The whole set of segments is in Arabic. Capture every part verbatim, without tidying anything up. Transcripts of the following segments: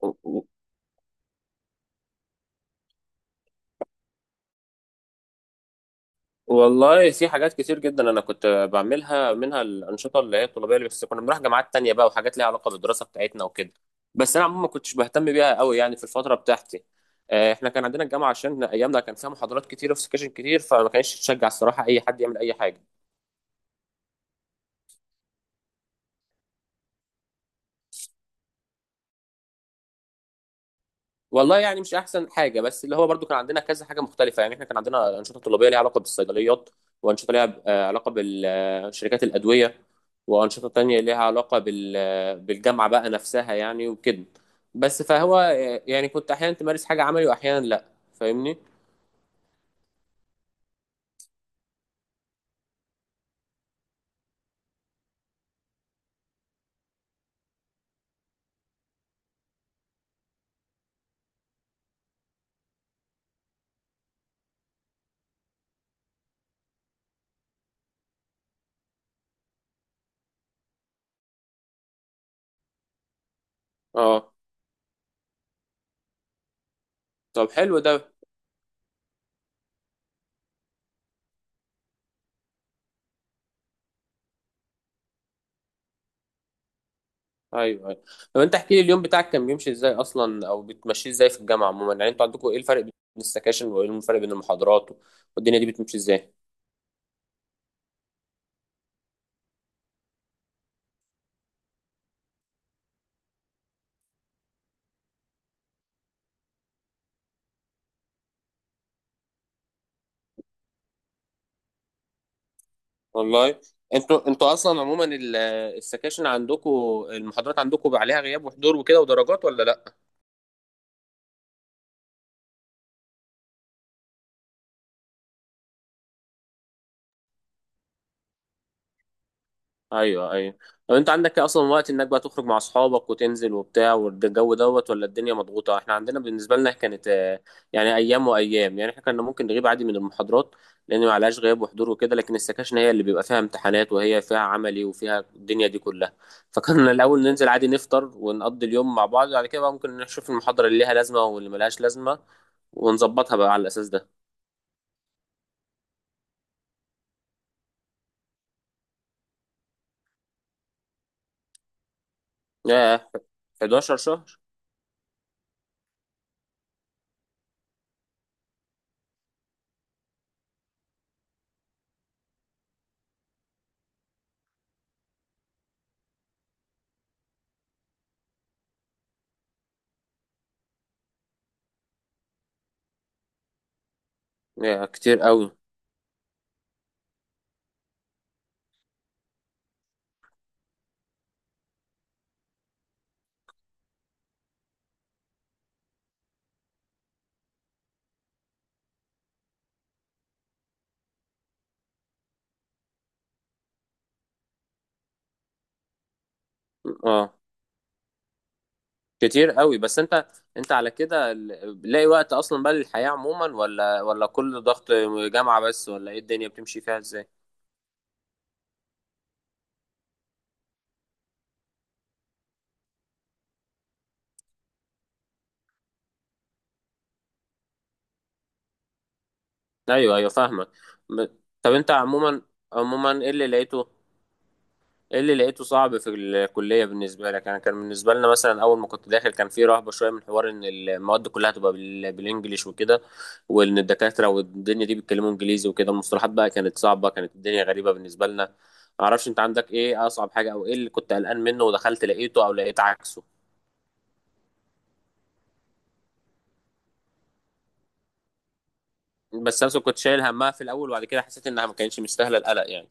و- والله في حاجات كتير جدا انا كنت بعملها، منها الانشطه اللي هي الطلابيه اللي بس كنا بنروح جامعات تانية بقى، وحاجات ليها علاقه بالدراسه بتاعتنا وكده. بس انا عموما ما كنتش بهتم بيها قوي يعني في الفتره بتاعتي. آه، احنا كان عندنا الجامعه عشان ايامنا كان فيها محاضرات كتيره وسكاشن كتير، فما كانش تشجع الصراحه اي حد يعمل اي حاجه. والله يعني مش احسن حاجه، بس اللي هو برضو كان عندنا كذا حاجه مختلفه. يعني احنا كان عندنا انشطه طلابيه ليها علاقه بالصيدليات، وانشطه ليها آه، علاقه بالشركات الادويه، وانشطه تانية ليها علاقه بال- آه، بالجامعه بقى نفسها يعني وكده. بس فهو آه، يعني كنت احيانا تمارس حاجه عملي واحيانا لا. فاهمني؟ اه. طب حلو ده. ايوه ايوه. طب انت احكي لي اليوم بتاعك كان بيمشي ازاي اصلا، او بتمشيه ازاي في الجامعه عموما؟ يعني انتوا عندكم ايه الفرق بين السكاشن وايه الفرق بين المحاضرات والدنيا دي بتمشي ازاي؟ والله. انتوا انتوا اصلا عموما ال- السكاشن عندكم، المحاضرات عندكم عليها غياب وحضور وكده ودرجات ولا لا؟ ايوه ايوه. طب انت عندك اصلا وقت انك بقى تخرج مع اصحابك وتنزل وبتاع والجو دوت، ولا الدنيا مضغوطه؟ احنا عندنا، بالنسبه لنا كانت آه، يعني ايام وايام. يعني احنا كنا ممكن نغيب عادي من المحاضرات لان ما عليهاش غياب وحضور وكده، لكن السكاشن هي اللي بيبقى فيها امتحانات وهي فيها عملي وفيها الدنيا دي كلها. فكنا الاول ننزل عادي نفطر ونقضي اليوم مع بعض، بعد كده بقى ممكن نشوف المحاضره اللي ليها لازمه واللي ملهاش لازمه ونظبطها بقى على الأساس ده. ياه. حداشر شهر؟ ياه كتير قوي. اه كتير قوي. بس انت انت على كده ال- لاقي وقت اصلا بقى للحياة عموما، ولا ولا كل ضغط جامعة بس؟ ولا ايه الدنيا بتمشي فيها ازاي؟ ايوه ايوه فاهمك. ب- طب انت عموما، عموما ايه اللي لقيته، ايه اللي لقيته صعب في الكلية بالنسبة لك؟ انا كان بالنسبة لنا مثلا اول ما كنت داخل كان في رهبة شوية من حوار ان المواد كلها تبقى بال- بالانجليش وكده، وان الدكاترة والدنيا دي بيتكلموا انجليزي وكده. المصطلحات بقى كانت صعبة، كانت الدنيا غريبة بالنسبة لنا. معرفش انت عندك ايه اصعب حاجة، او ايه اللي كنت قلقان منه ودخلت لقيته او لقيت عكسه. بس انا كنت شايل همها في الاول، وبعد كده حسيت انها ما كانتش مستاهلة القلق يعني.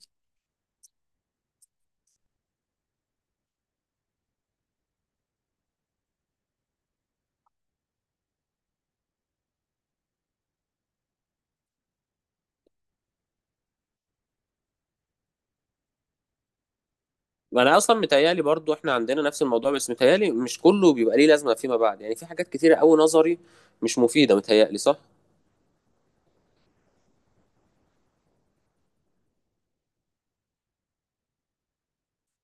ما انا اصلا متهيالي برضو احنا عندنا نفس الموضوع، بس متهيالي مش كله بيبقى ليه لازمة فيما بعد. يعني في حاجات كتيرة قوي نظري مش مفيدة، متهيألي، صح؟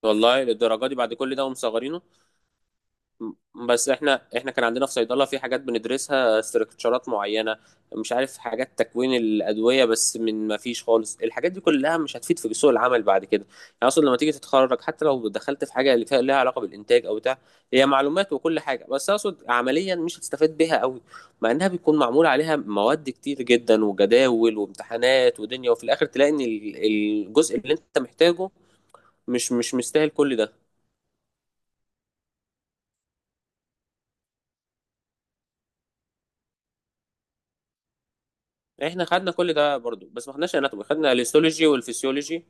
والله للدرجه دي؟ بعد كل ده ومصغرينه؟ م- بس احنا احنا كان عندنا في صيدله في حاجات بندرسها استراكشرات معينه، مش عارف، حاجات تكوين الادويه. بس من ما فيش خالص. الحاجات دي كلها مش هتفيد في سوق العمل بعد كده. يعني اصلا لما تيجي تتخرج حتى لو دخلت في حاجه اللي فيها لها علاقه بالانتاج او بتاع، هي معلومات وكل حاجه، بس اقصد عمليا مش هتستفاد بيها قوي، مع انها بيكون معمول عليها مواد كتير جدا وجداول وامتحانات ودنيا، وفي الاخر تلاقي ان ال- الجزء اللي انت محتاجه مش مش مستاهل كل ده. احنا خدنا كل ده برضو، بس ما خدناش اناتومي، خدنا الهيستولوجي والفسيولوجي.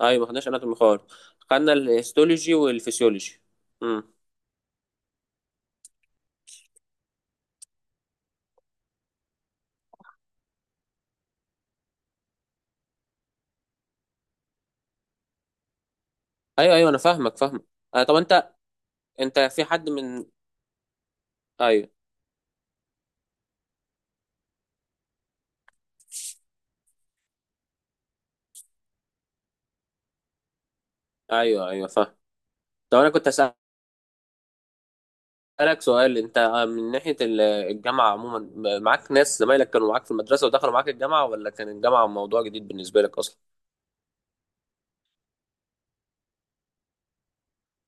ايوه ما خدناش اناتومي خالص. خدنا الهيستولوجي والفسيولوجي. امم. ايوه ايوه انا فاهمك فاهمك. آه طب انت انت في حد من؟ ايوه. ايوه ايوه فاهم. طب انا كنت اسالك سؤال. انت آه، من ناحيه ال- الجامعه عموما، م- معاك ناس زمايلك كانوا معاك في المدرسه ودخلوا معاك الجامعه، ولا كان الجامعه موضوع جديد بالنسبه لك اصلا؟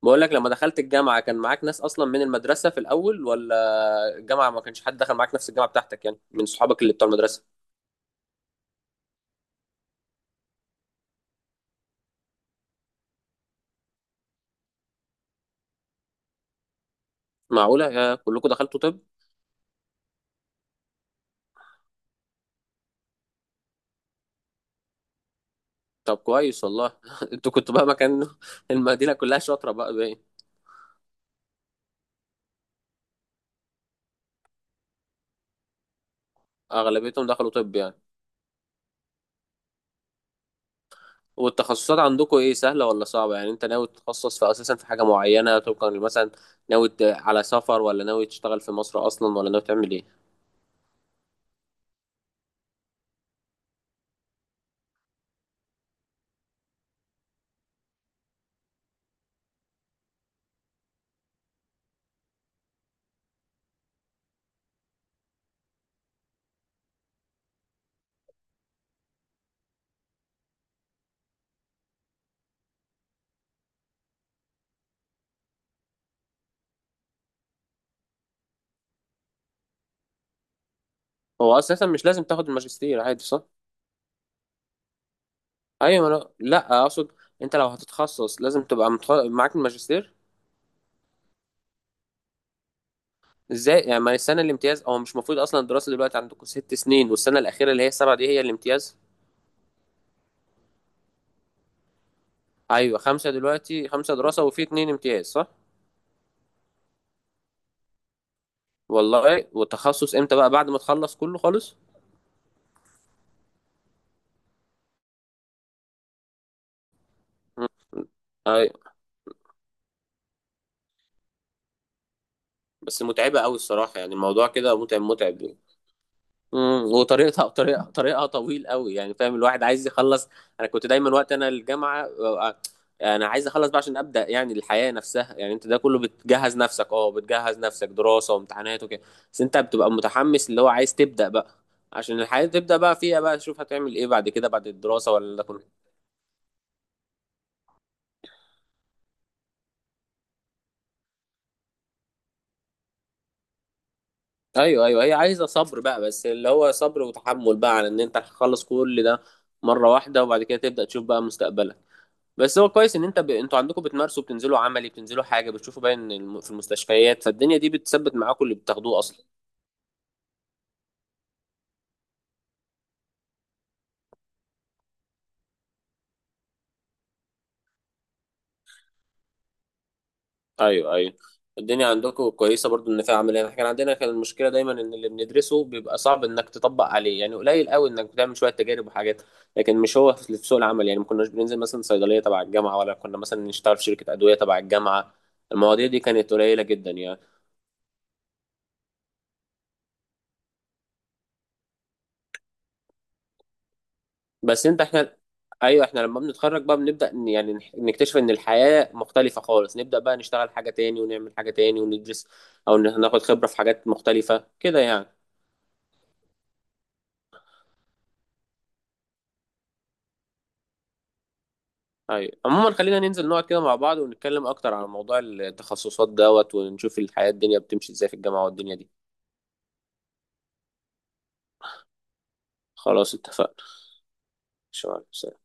بقول لك لما دخلت الجامعه كان معاك ناس اصلا من المدرسه في الاول، ولا الجامعه ما كانش حد دخل معاك نفس الجامعه بتاعتك يعني، من صحابك اللي بتوع المدرسه؟ معقولة؟ يا كلكم دخلتوا طب. طب كويس والله انتوا كنتوا بقى مكان المدينة كلها شاطرة بقى، باين. اغلبيتهم دخلوا طب يعني؟ والتخصصات عندكم ايه، سهلة ولا صعبة؟ يعني انت ناوي تتخصص في اساسا في حاجة معينة طبقا مثلا؟ ناوي ت- على سفر، ولا ناوي تشتغل في مصر اصلا، ولا ناوي تعمل ايه؟ هو اساسا مش لازم تاخد الماجستير عادي، صح؟ ايوه، لا لا اقصد، انت لو هتتخصص لازم تبقى متخ... معاك الماجستير. ازاي يعني؟ ما السنة الامتياز، او مش المفروض اصلا الدراسة دلوقتي عندكم ست سنين والسنة الاخيرة اللي هي السبعة دي هي الامتياز؟ ايوه، خمسه دلوقتي، خمسه دراسه وفي اتنين امتياز، صح؟ والله. والتخصص امتى بقى، بعد ما تخلص كله خالص؟ ايوه. بس متعبه قوي الصراحه يعني، الموضوع كده متعب متعب يعني. امم. وطريقتها طريقه طريقها طويل قوي يعني، فاهم؟ الواحد عايز يخلص. انا كنت دايما وقت انا الجامعه، آه، انا عايز اخلص بقى عشان ابدا يعني الحياه نفسها. يعني انت ده كله بتجهز نفسك، اه بتجهز نفسك دراسه وامتحانات وكده، بس انت بتبقى متحمس اللي هو عايز تبدا بقى، عشان الحياه تبدا بقى فيها بقى، تشوف هتعمل ايه بعد كده بعد الدراسه ولا. ايوه ايوه. هي عايزه صبر بقى، بس اللي هو صبر وتحمل بقى على ان انت هتخلص كل ده مره واحده، وبعد كده تبدا تشوف بقى مستقبلك. بس هو كويس ان انت ب... انتوا عندكم بتمارسوا، بتنزلوا عملي، بتنزلوا حاجه بتشوفوا، باين الم- في المستشفيات، فالدنيا دي بتثبت معاكم اللي بتاخدوه اصلا. ايوه ايوه. الدنيا عندكم كويسه برضو ان فيها عمليه. احنا كان عندنا كان المشكله دايما ان اللي بندرسه بيبقى صعب انك تطبق عليه يعني. قليل قوي انك بتعمل شويه تجارب وحاجات، لكن مش هو في في سوق العمل. يعني ما كناش بننزل مثلا صيدليه تبع الجامعه، ولا كنا مثلا نشتغل في شركه ادويه تبع الجامعه. المواضيع دي كانت قليله جدا يعني. بس انت، احنا، ايوه احنا لما بنتخرج بقى بنبدا إن- يعني نح- نكتشف ان الحياه مختلفه خالص، نبدا بقى نشتغل حاجه تاني ونعمل حاجه تاني وندرس، او ن- ناخد خبره في حاجات مختلفه كده يعني. ايوه. عموما خلينا ننزل نقعد كده مع بعض ونتكلم اكتر عن موضوع التخصصات دوت، ونشوف الحياة الدنيا بتمشي ازاي في الجامعة والدنيا دي. خلاص اتفقنا. شكرا.